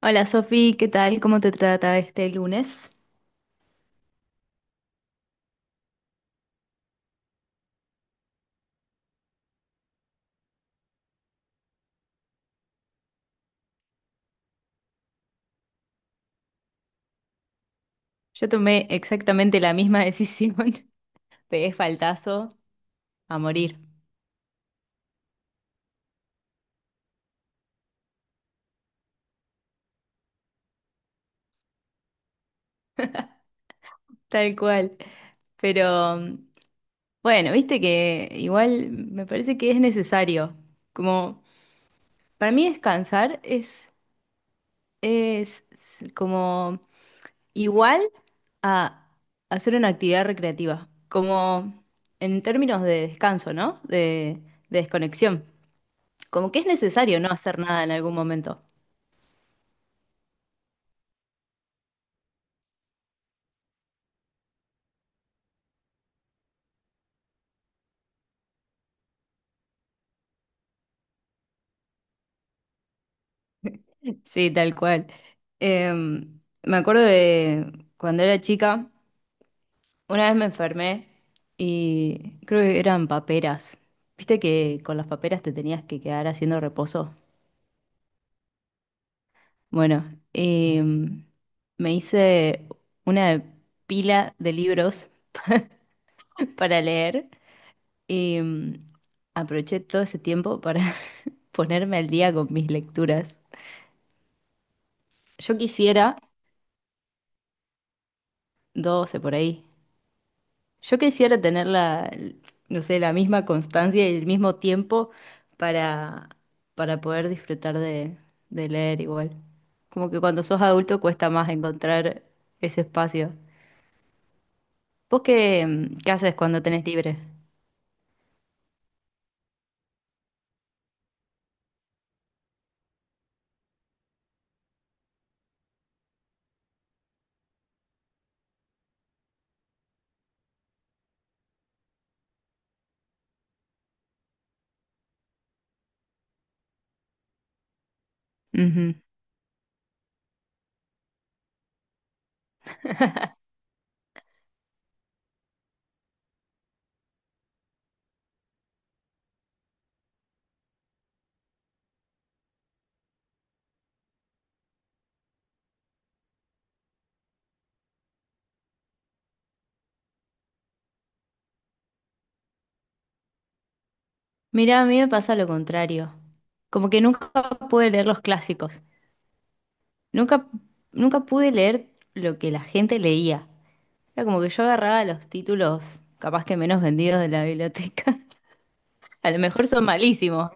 Hola Sofi, ¿qué tal? ¿Cómo te trata este lunes? Yo tomé exactamente la misma decisión. Pegué faltazo a morir, tal cual. Pero bueno, viste que igual me parece que es necesario. Como para mí descansar es como igual a hacer una actividad recreativa. Como en términos de descanso, ¿no? De desconexión. Como que es necesario no hacer nada en algún momento. Sí, tal cual. Me acuerdo de cuando era chica, una vez me enfermé y creo que eran paperas. ¿Viste que con las paperas te tenías que quedar haciendo reposo? Bueno, me hice una pila de libros para leer y aproveché todo ese tiempo para ponerme al día con mis lecturas. Yo quisiera 12 por ahí. Yo quisiera tener la, no sé, la misma constancia y el mismo tiempo para, para poder disfrutar de leer igual. Como que cuando sos adulto cuesta más encontrar ese espacio. ¿Vos qué, qué haces cuando tenés libre? Ujú. Mirá, a mí me pasa lo contrario. Como que nunca pude leer los clásicos. Nunca, nunca pude leer lo que la gente leía. Era como que yo agarraba los títulos capaz que menos vendidos de la biblioteca. A lo mejor son malísimos.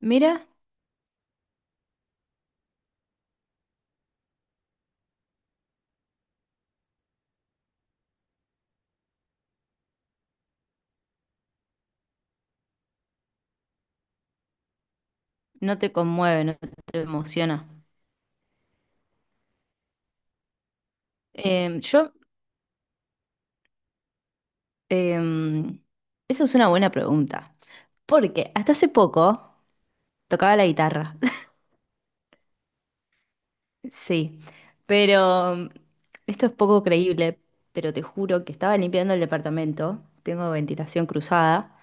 Mira, no te conmueve, no te emociona. Yo, em, eso es una buena pregunta, porque hasta hace poco tocaba la guitarra, sí, pero esto es poco creíble, pero te juro que estaba limpiando el departamento, tengo ventilación cruzada,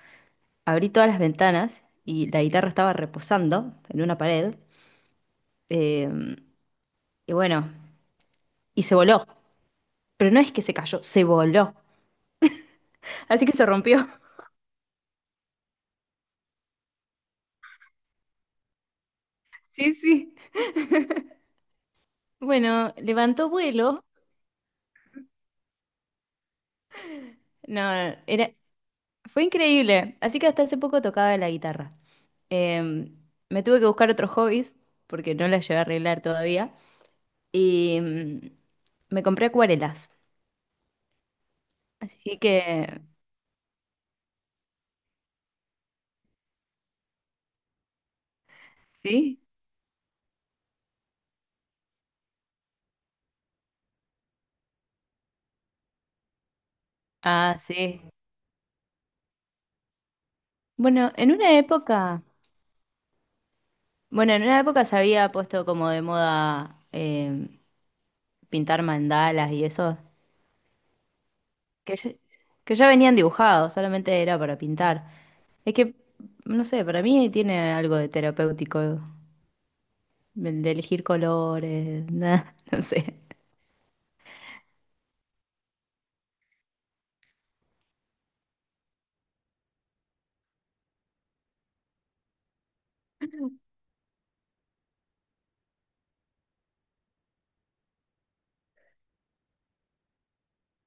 abrí todas las ventanas y la guitarra estaba reposando en una pared, em, y bueno, y se voló, pero no es que se cayó, se voló, así que se rompió. Sí, sí. Bueno, levantó vuelo. No, era, fue increíble. Así que hasta hace poco tocaba la guitarra. Eh, me tuve que buscar otros hobbies porque no las llevé a arreglar todavía. Y me compré acuarelas. Así que, ¿sí? Ah, sí. Bueno, en una época se había puesto como de moda pintar mandalas y eso, que ya, que ya venían dibujados, solamente era para pintar. Es que, no sé, para mí tiene algo de terapéutico, el de elegir colores, nada, no sé.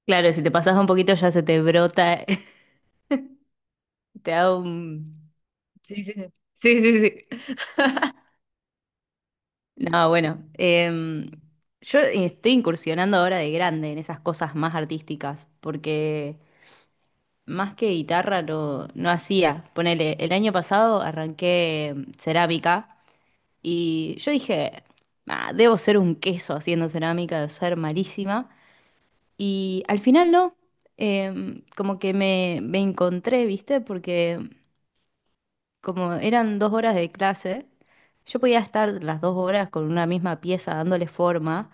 Claro, si te pasas un poquito ya se te brota, te da un... Sí, sí, sí. Sí, sí, sí. No, bueno, yo estoy incursionando ahora de grande en esas cosas más artísticas, porque más que guitarra no, no hacía. Ponele, el año pasado arranqué cerámica. Y yo dije, "Ah, debo ser un queso haciendo cerámica, debo ser malísima". Y al final no, como que me encontré, ¿viste? Porque como eran dos horas de clase, yo podía estar las dos horas con una misma pieza dándole forma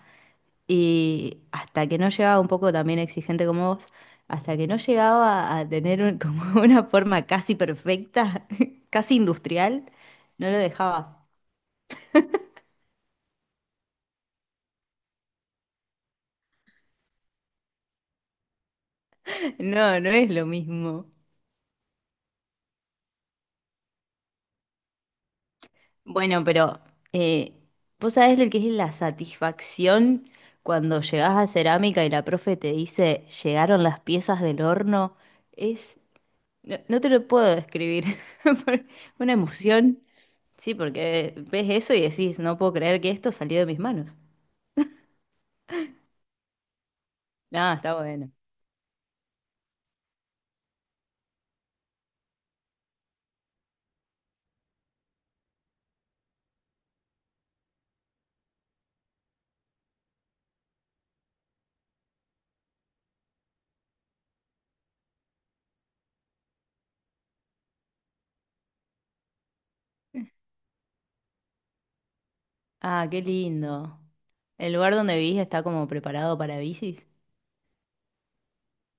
y hasta que no llegaba un poco también exigente como vos, hasta que no llegaba a tener un- como una forma casi perfecta, casi industrial, no lo dejaba. No, no es lo mismo. Bueno, pero eh, vos sabés lo que es la satisfacción cuando llegás a cerámica y la profe te dice, llegaron las piezas del horno. Es, no, no te lo puedo describir. Fue una emoción. Sí, porque ves eso y decís, no puedo creer que esto salió de mis manos. Nada, está bueno. Ah, qué lindo. ¿El lugar donde vivís está como preparado para bicis?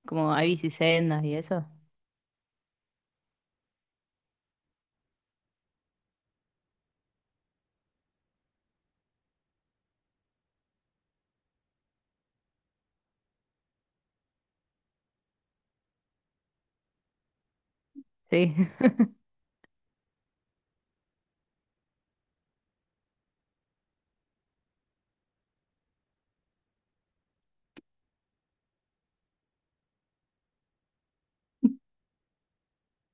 Como hay bicisendas y eso. Sí.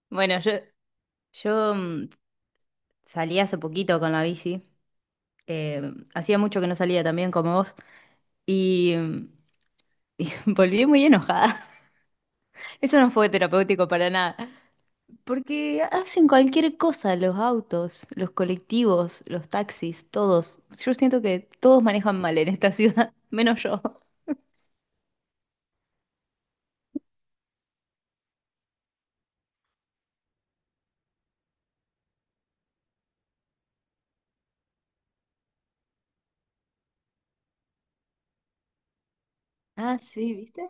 Bueno, yo salí hace poquito con la bici. Eh, hacía mucho que no salía también como vos y, y volví muy enojada. Eso no fue terapéutico para nada, porque hacen cualquier cosa los autos, los colectivos, los taxis, todos. Yo siento que todos manejan mal en esta ciudad, menos yo. Ah, sí, ¿viste?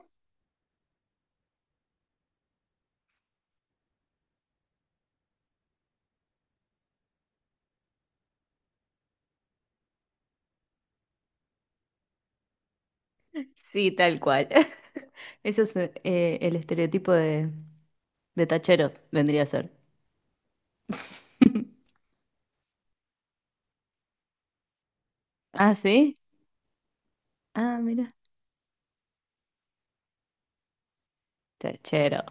Sí, tal cual. Eso es el estereotipo de tachero, vendría a ser. Ah, sí. Ah, mira. Tachero.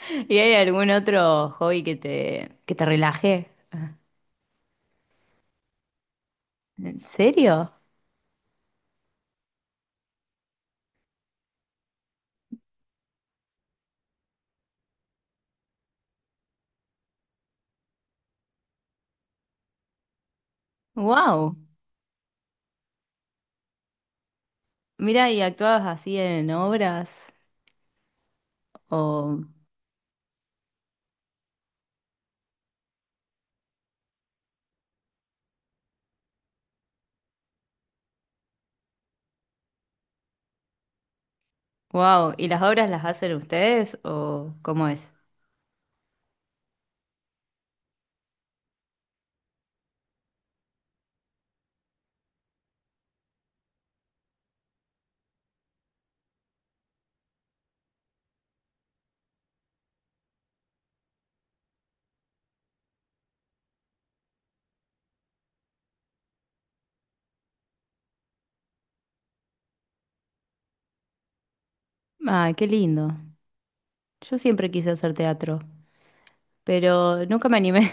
¿Y hay algún otro hobby que te relaje? Ah, ¿en serio? ¡Wow! Mira, ¿y actuabas así en obras? O, wow, ¿y las obras las hacen ustedes o cómo es? Ah, qué lindo. Yo siempre quise hacer teatro, pero nunca me animé.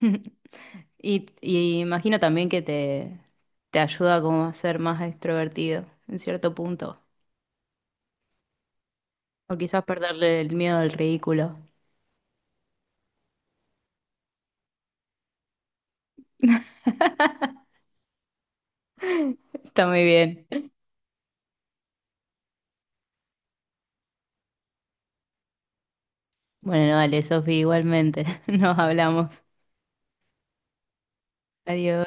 Y, y imagino también que te ayuda como a ser más extrovertido en cierto punto. O quizás perderle el miedo al ridículo. Está muy bien. Bueno, dale, Sofi, igualmente. Nos hablamos. Adiós.